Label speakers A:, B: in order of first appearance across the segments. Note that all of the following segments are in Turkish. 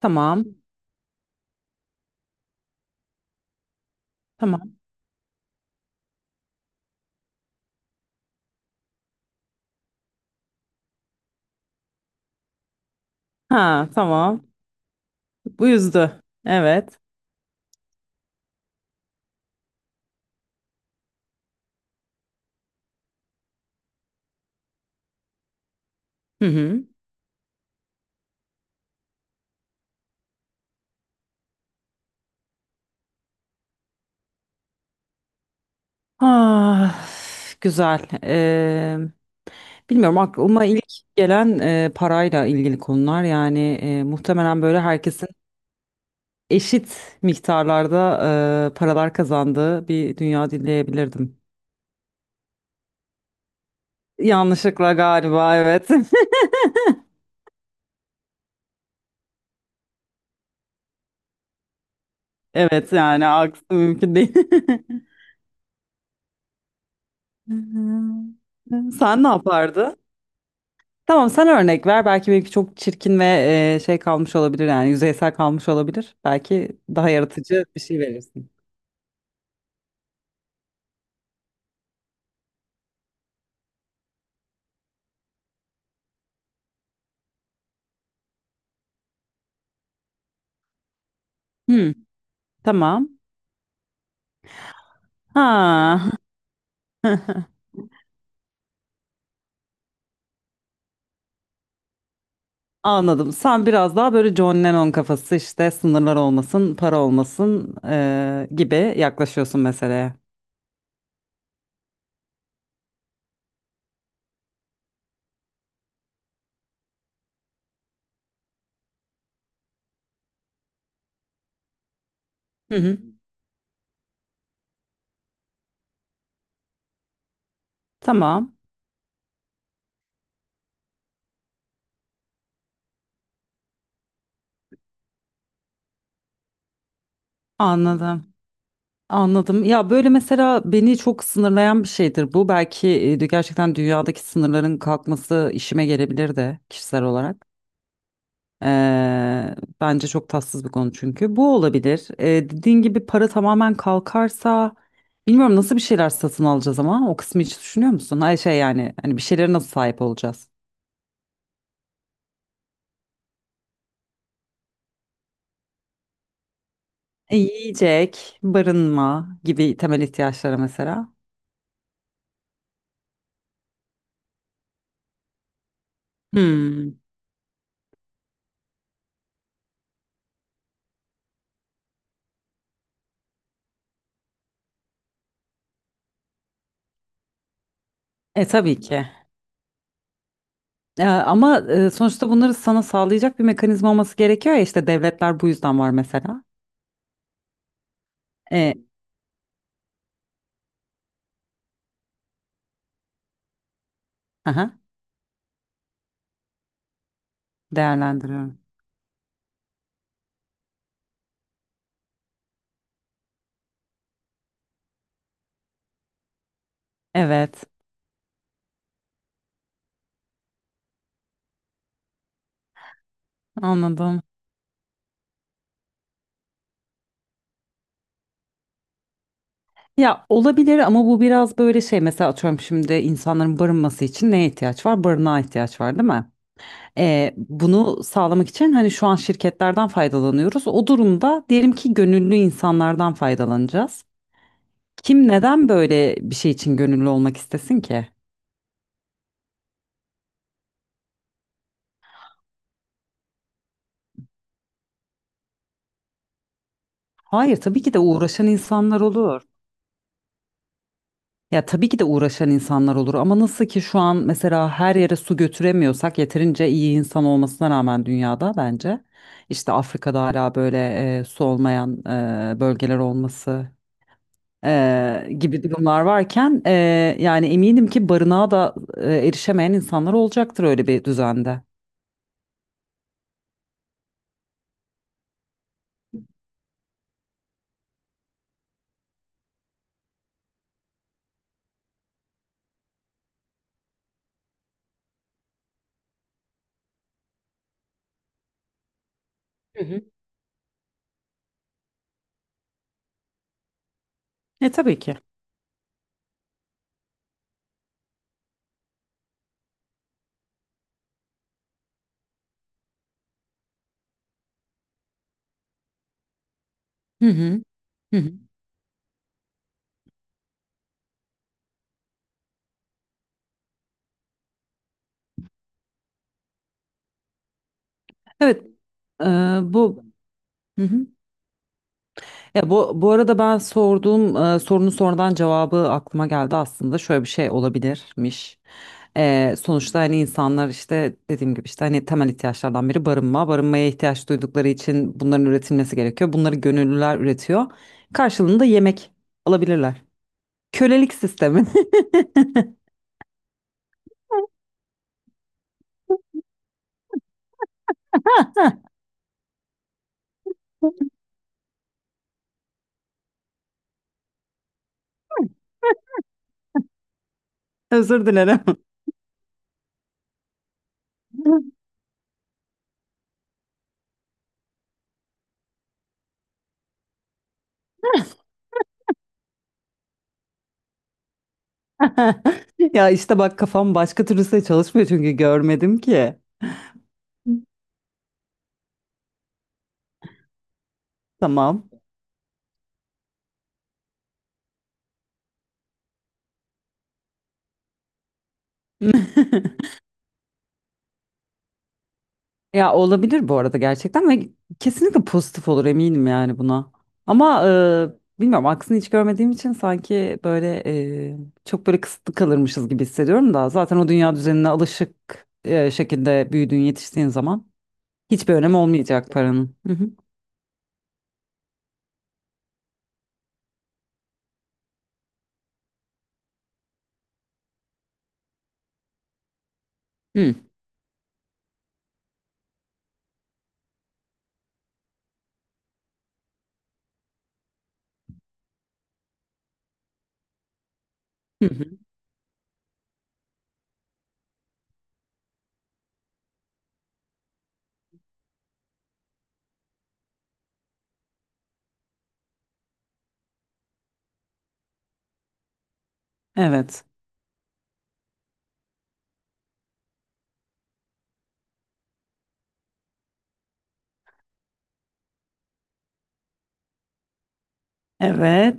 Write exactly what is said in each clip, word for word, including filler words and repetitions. A: Tamam. Tamam. Ha, tamam. Bu yüzdü. Evet. Hı hı. Ah, güzel. Ee, bilmiyorum, aklıma ilk gelen e, parayla ilgili konular, yani e, muhtemelen böyle herkesin eşit miktarlarda e, paralar kazandığı bir dünya dileyebilirdim. Yanlışlıkla galiba, evet. Evet, yani aksi mümkün değil. Sen ne yapardın? Tamam, sen örnek ver. Belki benimki çok çirkin ve e, şey kalmış olabilir, yani yüzeysel kalmış olabilir. Belki daha yaratıcı bir şey verirsin. Hmm, tamam. Ha. Anladım. Sen biraz daha böyle John Lennon kafası, işte sınırlar olmasın, para olmasın e, gibi yaklaşıyorsun meseleye. Hı hı. Tamam. Anladım. Anladım. Ya böyle mesela beni çok sınırlayan bir şeydir bu. Belki e, gerçekten dünyadaki sınırların kalkması işime gelebilir de kişisel olarak. Eee, Bence çok tatsız bir konu çünkü. Bu olabilir. Eee dediğin gibi para tamamen kalkarsa bilmiyorum nasıl bir şeyler satın alacağız, ama o kısmı hiç düşünüyor musun? Hayır şey, yani hani bir şeylere nasıl sahip olacağız? E, yiyecek, barınma gibi temel ihtiyaçlara mesela. Hmm. E tabii ki. E, ama e, sonuçta bunları sana sağlayacak bir mekanizma olması gerekiyor ya, işte devletler bu yüzden var mesela. E, aha, değerlendiriyorum. Evet, anladım. Ya olabilir, ama bu biraz böyle şey, mesela atıyorum şimdi insanların barınması için neye ihtiyaç var? Barınağa ihtiyaç var değil mi? Ee, bunu sağlamak için hani şu an şirketlerden faydalanıyoruz. O durumda diyelim ki gönüllü insanlardan faydalanacağız. Kim neden böyle bir şey için gönüllü olmak istesin ki? Hayır tabii ki de uğraşan insanlar olur. Ya tabii ki de uğraşan insanlar olur, ama nasıl ki şu an mesela her yere su götüremiyorsak yeterince iyi insan olmasına rağmen dünyada, bence işte Afrika'da hala böyle e, su olmayan e, bölgeler olması eee, gibi durumlar varken eee, yani eminim ki barınağa da eee, erişemeyen insanlar olacaktır öyle bir düzende. Hı hı. E tabii ki. Hı hı. Hı hı. Evet, eee, bu, hı hı. Ya bu, bu arada ben sorduğum e, sorunun sonradan cevabı aklıma geldi aslında, şöyle bir şey olabilirmiş. E, sonuçta hani insanlar, işte dediğim gibi, işte hani temel ihtiyaçlardan biri barınma. Barınmaya ihtiyaç duydukları için bunların üretilmesi gerekiyor. Bunları gönüllüler üretiyor. Karşılığında yemek alabilirler. Kölelik sistemi. Özür dilerim. Ya işte bak, kafam başka türlüse çalışmıyor çünkü görmedim ki. Tamam. Ya olabilir bu arada gerçekten, ve kesinlikle pozitif olur eminim, yani buna. Ama e, bilmiyorum, aksini hiç görmediğim için sanki böyle e, çok böyle kısıtlı kalırmışız gibi hissediyorum, da zaten o dünya düzenine alışık e, şekilde büyüdüğün yetiştiğin zaman hiçbir önemi olmayacak paranın. Hı hı. Hı. Hı hı. Evet. Evet.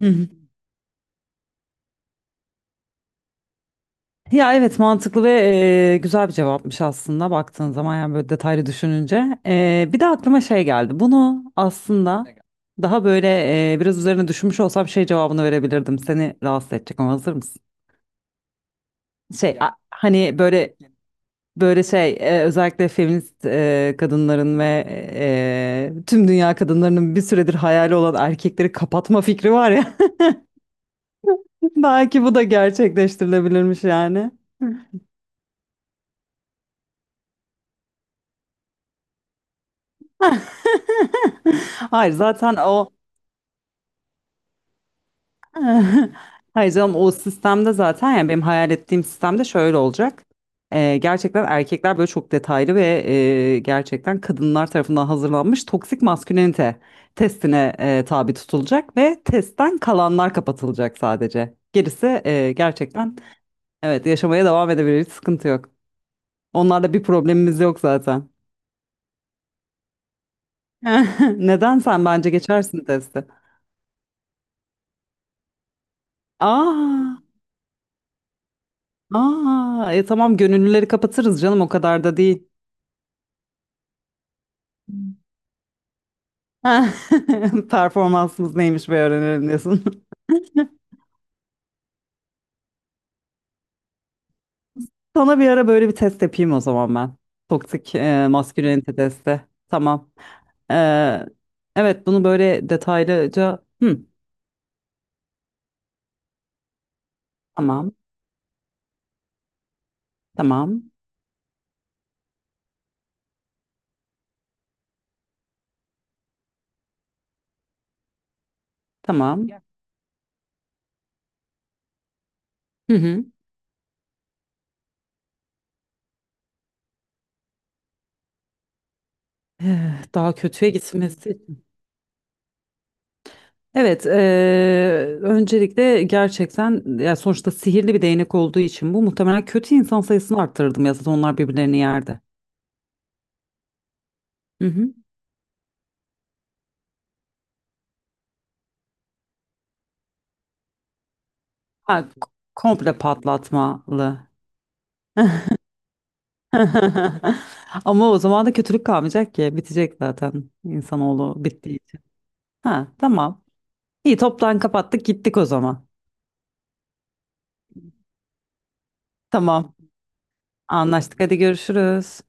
A: Ya evet, mantıklı ve e, güzel bir cevapmış aslında baktığın zaman, yani böyle detaylı düşününce. E, bir de aklıma şey geldi. Bunu aslında daha böyle e, biraz üzerine düşünmüş olsam şey cevabını verebilirdim. Seni rahatsız edecek ama hazır mısın? Şey a- Hani böyle böyle şey e, özellikle feminist e, kadınların ve e, tüm dünya kadınlarının bir süredir hayali olan erkekleri kapatma fikri var ya. Belki bu da gerçekleştirilebilirmiş yani. Hayır zaten o hayır canım, o sistemde zaten, yani benim hayal ettiğim sistemde şöyle olacak. Ee, gerçekten erkekler böyle çok detaylı ve e, gerçekten kadınlar tarafından hazırlanmış toksik maskülenite testine e, tabi tutulacak ve testten kalanlar kapatılacak sadece. Gerisi e, gerçekten evet yaşamaya devam edebilir, hiç sıkıntı yok. Onlarla bir problemimiz yok zaten. Neden, sen bence geçersin testi? Aa, aa, e, tamam gönüllüleri kapatırız canım, o kadar da değil. Ha, performansımız neymiş bir öğrenelim diyorsun. Sana bir ara böyle bir test yapayım o zaman ben. Toksik e, maskülenite testi. Tamam. Ee, evet, bunu böyle detaylıca... Hı, tamam, tamam, tamam. Hı hı. Eh, daha kötüye gitmesi için. Evet, e, öncelikle gerçekten ya sonuçta sihirli bir değnek olduğu için bu, muhtemelen kötü insan sayısını arttırırdım ya, zaten onlar birbirlerini yerdi. Hı hı. Ha, k- komple patlatmalı. Ama o zaman da kötülük kalmayacak ki. Bitecek zaten insanoğlu bittiği için. Ha, tamam. İyi, toptan kapattık gittik o zaman. Tamam. Anlaştık. Hadi görüşürüz.